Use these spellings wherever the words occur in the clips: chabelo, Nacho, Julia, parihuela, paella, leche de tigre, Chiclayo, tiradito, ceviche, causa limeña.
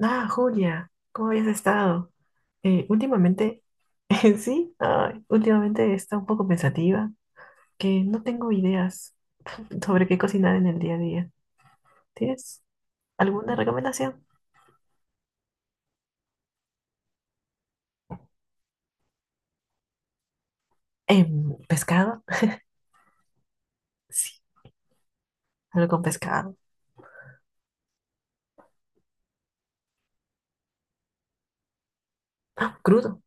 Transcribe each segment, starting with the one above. Ah, Julia, ¿cómo habías estado? Últimamente, sí, ay, últimamente he estado un poco pensativa, que no tengo ideas sobre qué cocinar en el día a día. ¿Tienes alguna recomendación? ¿Pescado? Sí, algo con pescado. Ah, crudo.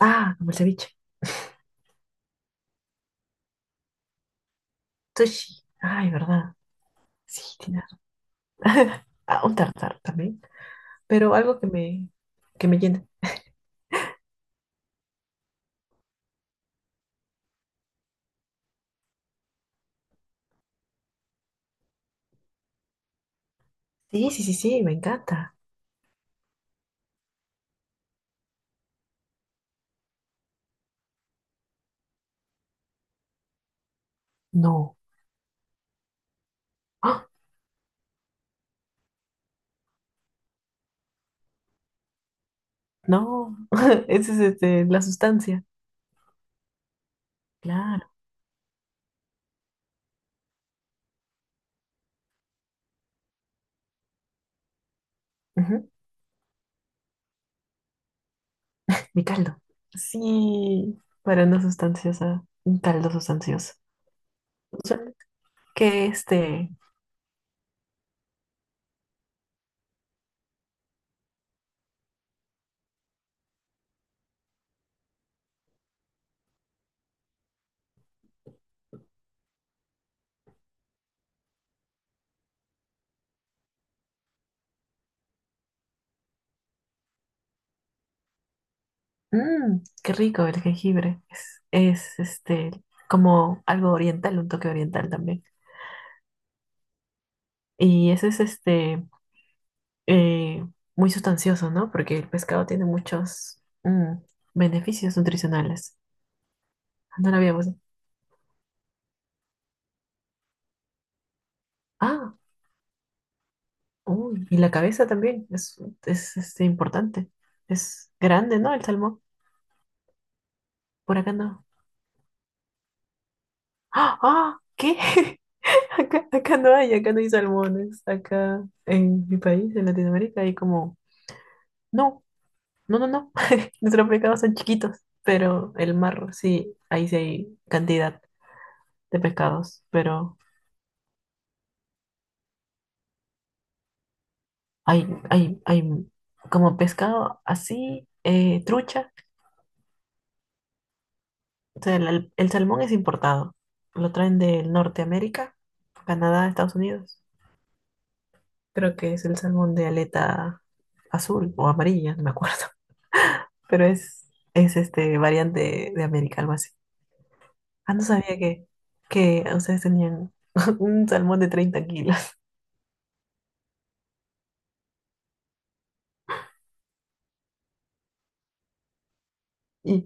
Ah, como el ceviche. Sushi. Ay, ¿verdad? Sí, tienes razón. Ah, un tartar también, pero que me llene. Sí, sí, sí, sí, me encanta. No. Ah. No, ese es la sustancia. Claro. Ujú. Mi caldo. Sí, para una sustanciosa, un caldo sustancioso. Suena. Que qué rico el jengibre. Es como algo oriental, un toque oriental también. Y ese es eh, muy sustancioso, ¿no? Porque el pescado tiene muchos beneficios nutricionales. No lo habíamos. Ah, uy, y la cabeza también es importante. Es grande, ¿no? El salmón. Por acá no. ¡Ah! ¡Ah! ¿Qué? Acá no hay salmones. Acá en mi país, en Latinoamérica, hay como. No, no. Nuestros pescados son chiquitos, pero el mar sí, ahí sí hay cantidad de pescados. Pero hay como pescado así, trucha. O sea, el salmón es importado. Lo traen de Norteamérica, Canadá, Estados Unidos. Creo que es el salmón de aleta azul o amarilla, no me acuerdo. Pero es este variante de América, algo así. Ah, no sabía que ustedes tenían un salmón de 30 kilos. ¿Y,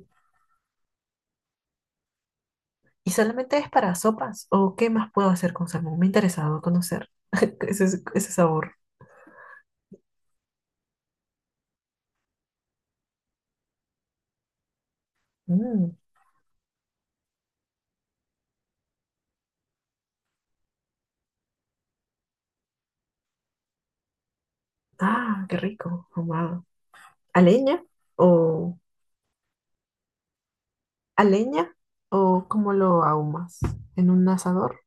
y solamente es para sopas? ¿O qué más puedo hacer con salmón? Me ha interesado conocer ese sabor. Mm. Ah, qué rico, ahumado. ¿A leña? ¿O ¿A leña? ¿O cómo lo ahumas? ¿En un asador?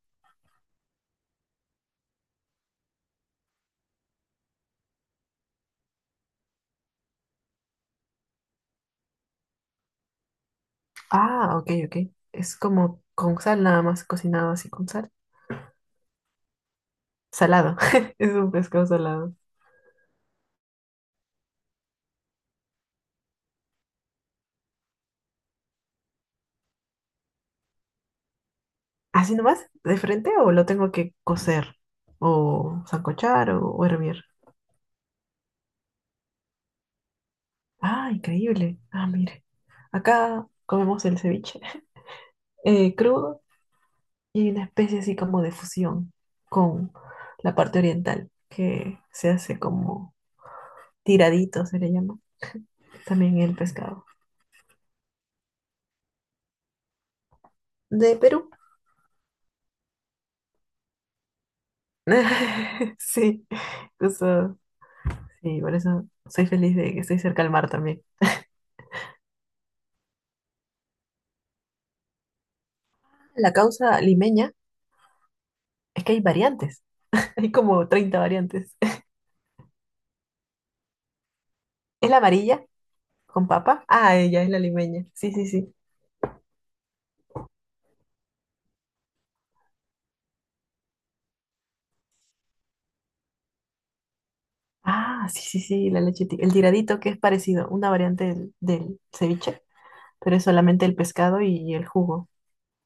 Ah, ok, ok. Es como con sal nada más, cocinado así con sal. Salado. Es un pescado salado. ¿Así nomás? ¿De frente o lo tengo que cocer? ¿O sancochar o hervir? Ah, increíble. Ah, mire. Acá comemos el ceviche crudo y hay una especie así como de fusión con la parte oriental que se hace como tiradito, se le llama también el pescado. De Perú. Sí, eso, sí, por eso soy feliz de que estoy cerca al mar también. La causa limeña es que hay variantes, hay como 30 variantes. ¿Es la amarilla con papa? Ah, ella es la limeña, sí, sí, sí. Ah, sí, sí, sí, la leche ti- el tiradito que es parecido, una variante del ceviche, pero es solamente el pescado y el jugo,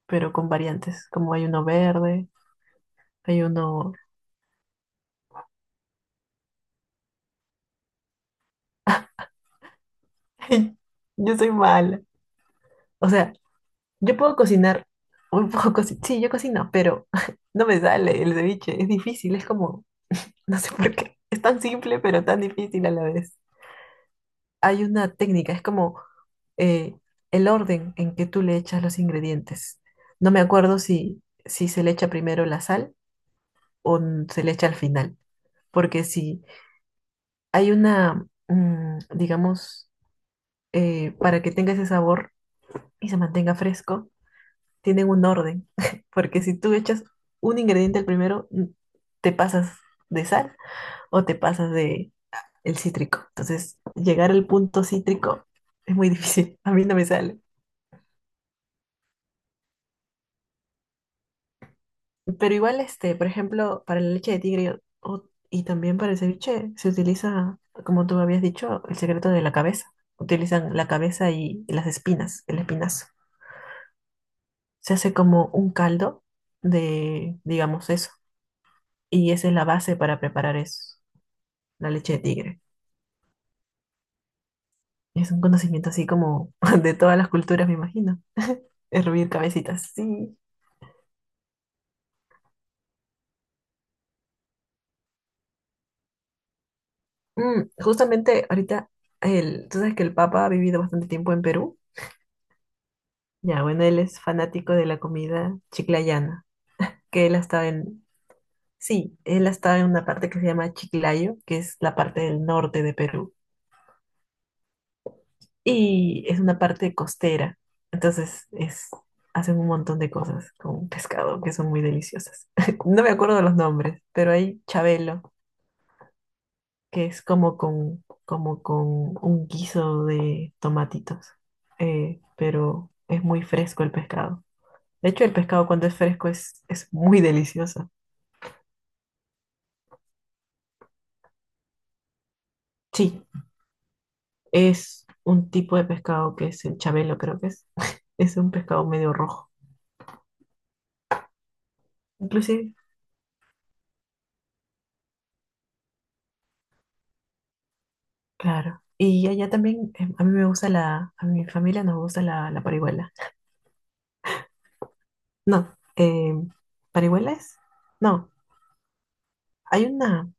pero con variantes, como hay uno verde, hay uno... Yo soy mala. O sea, yo puedo cocinar, un poco sí, sí, yo cocino, pero no me sale el ceviche, es difícil, es como, no sé por qué, es tan simple pero tan difícil a la vez. Hay una técnica, es como eh, el orden en que tú le echas los ingredientes. No me acuerdo si se le echa primero la sal o n- se le echa al final, porque si hay una, digamos, para que tenga ese sabor y se mantenga fresco tienen un orden, porque si tú echas un ingrediente al primero, te pasas de sal o te pasas de el cítrico. Entonces, llegar al punto cítrico es muy difícil, a mí no me sale. Pero igual, este, por ejemplo, para la leche de tigre o- y también para el ceviche se utiliza, como tú habías dicho, el secreto de la cabeza. Utilizan la cabeza y las espinas, el espinazo. Se hace como un caldo de, digamos, eso. Y esa es la base para preparar eso, la leche de tigre. Es un conocimiento así como de todas las culturas, me imagino. Hervir cabecitas, sí. Mm, justamente ahorita, tú sabes que el Papa ha vivido bastante tiempo en Perú. Ya, bueno, él es fanático de la comida chiclayana, que él ha estado en, sí, él ha estado en una parte que se llama Chiclayo, que es la parte del norte de Perú. Y es una parte costera. Entonces, es, hacen un montón de cosas con pescado que son muy deliciosas. No me acuerdo de los nombres, pero hay chabelo que es como como con un guiso de tomatitos, pero es muy fresco el pescado. De hecho, el pescado cuando es fresco es muy delicioso. Sí, es un tipo de pescado que es el chabelo, creo que es. Es un pescado medio rojo. Inclusive, claro. Y allá también, a mí me gusta a mi familia nos gusta la parihuela. No, ¿parihuela es? No, hay una...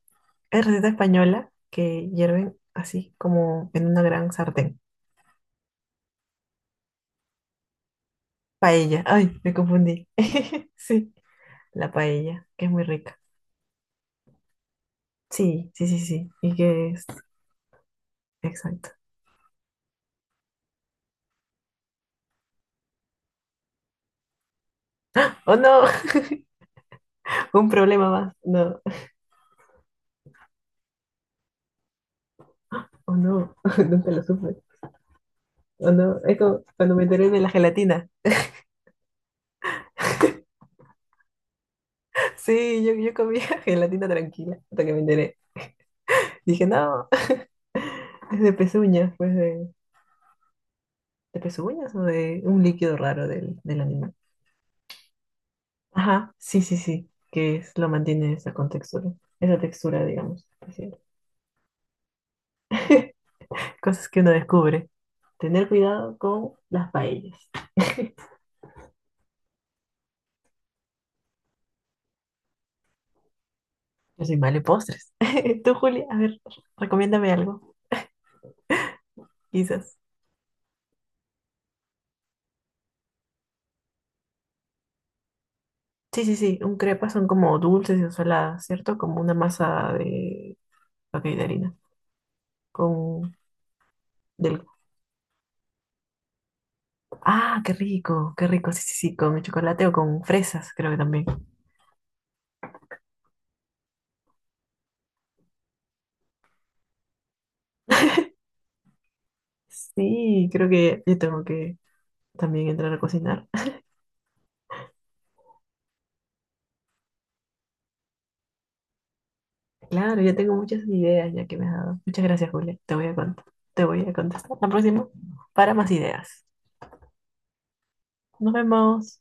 Es receta española que hierven así como en una gran sartén. Paella. Ay, me confundí. Sí, la paella, que es muy rica. Sí, sí, sí, sí. Y que es exacto. Oh no, un problema más. No, oh no, nunca lo supe. Oh no, es como cuando me enteré de la gelatina. Sí, yo comía gelatina tranquila hasta que me enteré. Dije, no, es de pezuñas, pues de pezuñas o de un líquido raro del animal. Ajá, sí, sí, sí, que es, lo mantiene esa contextura, esa textura, digamos. Así. Es. Cosas que uno descubre. Tener cuidado con las paellas. Yo soy mal en postres. Tú, Julia, a ver, recomiéndame algo, quizás. Sí, sí, sí, un crepa son como dulces y saladas, ¿cierto? Como una masa de, ok, de harina, con, del, ah, qué rico, sí, sí, sí, con chocolate o con fresas, creo que también. Sí, creo que yo tengo que también entrar a cocinar. Claro, yo tengo muchas ideas ya que me has dado. Muchas gracias, Julia. Te voy a cont- te voy a contestar la próxima para más ideas. Nos vemos.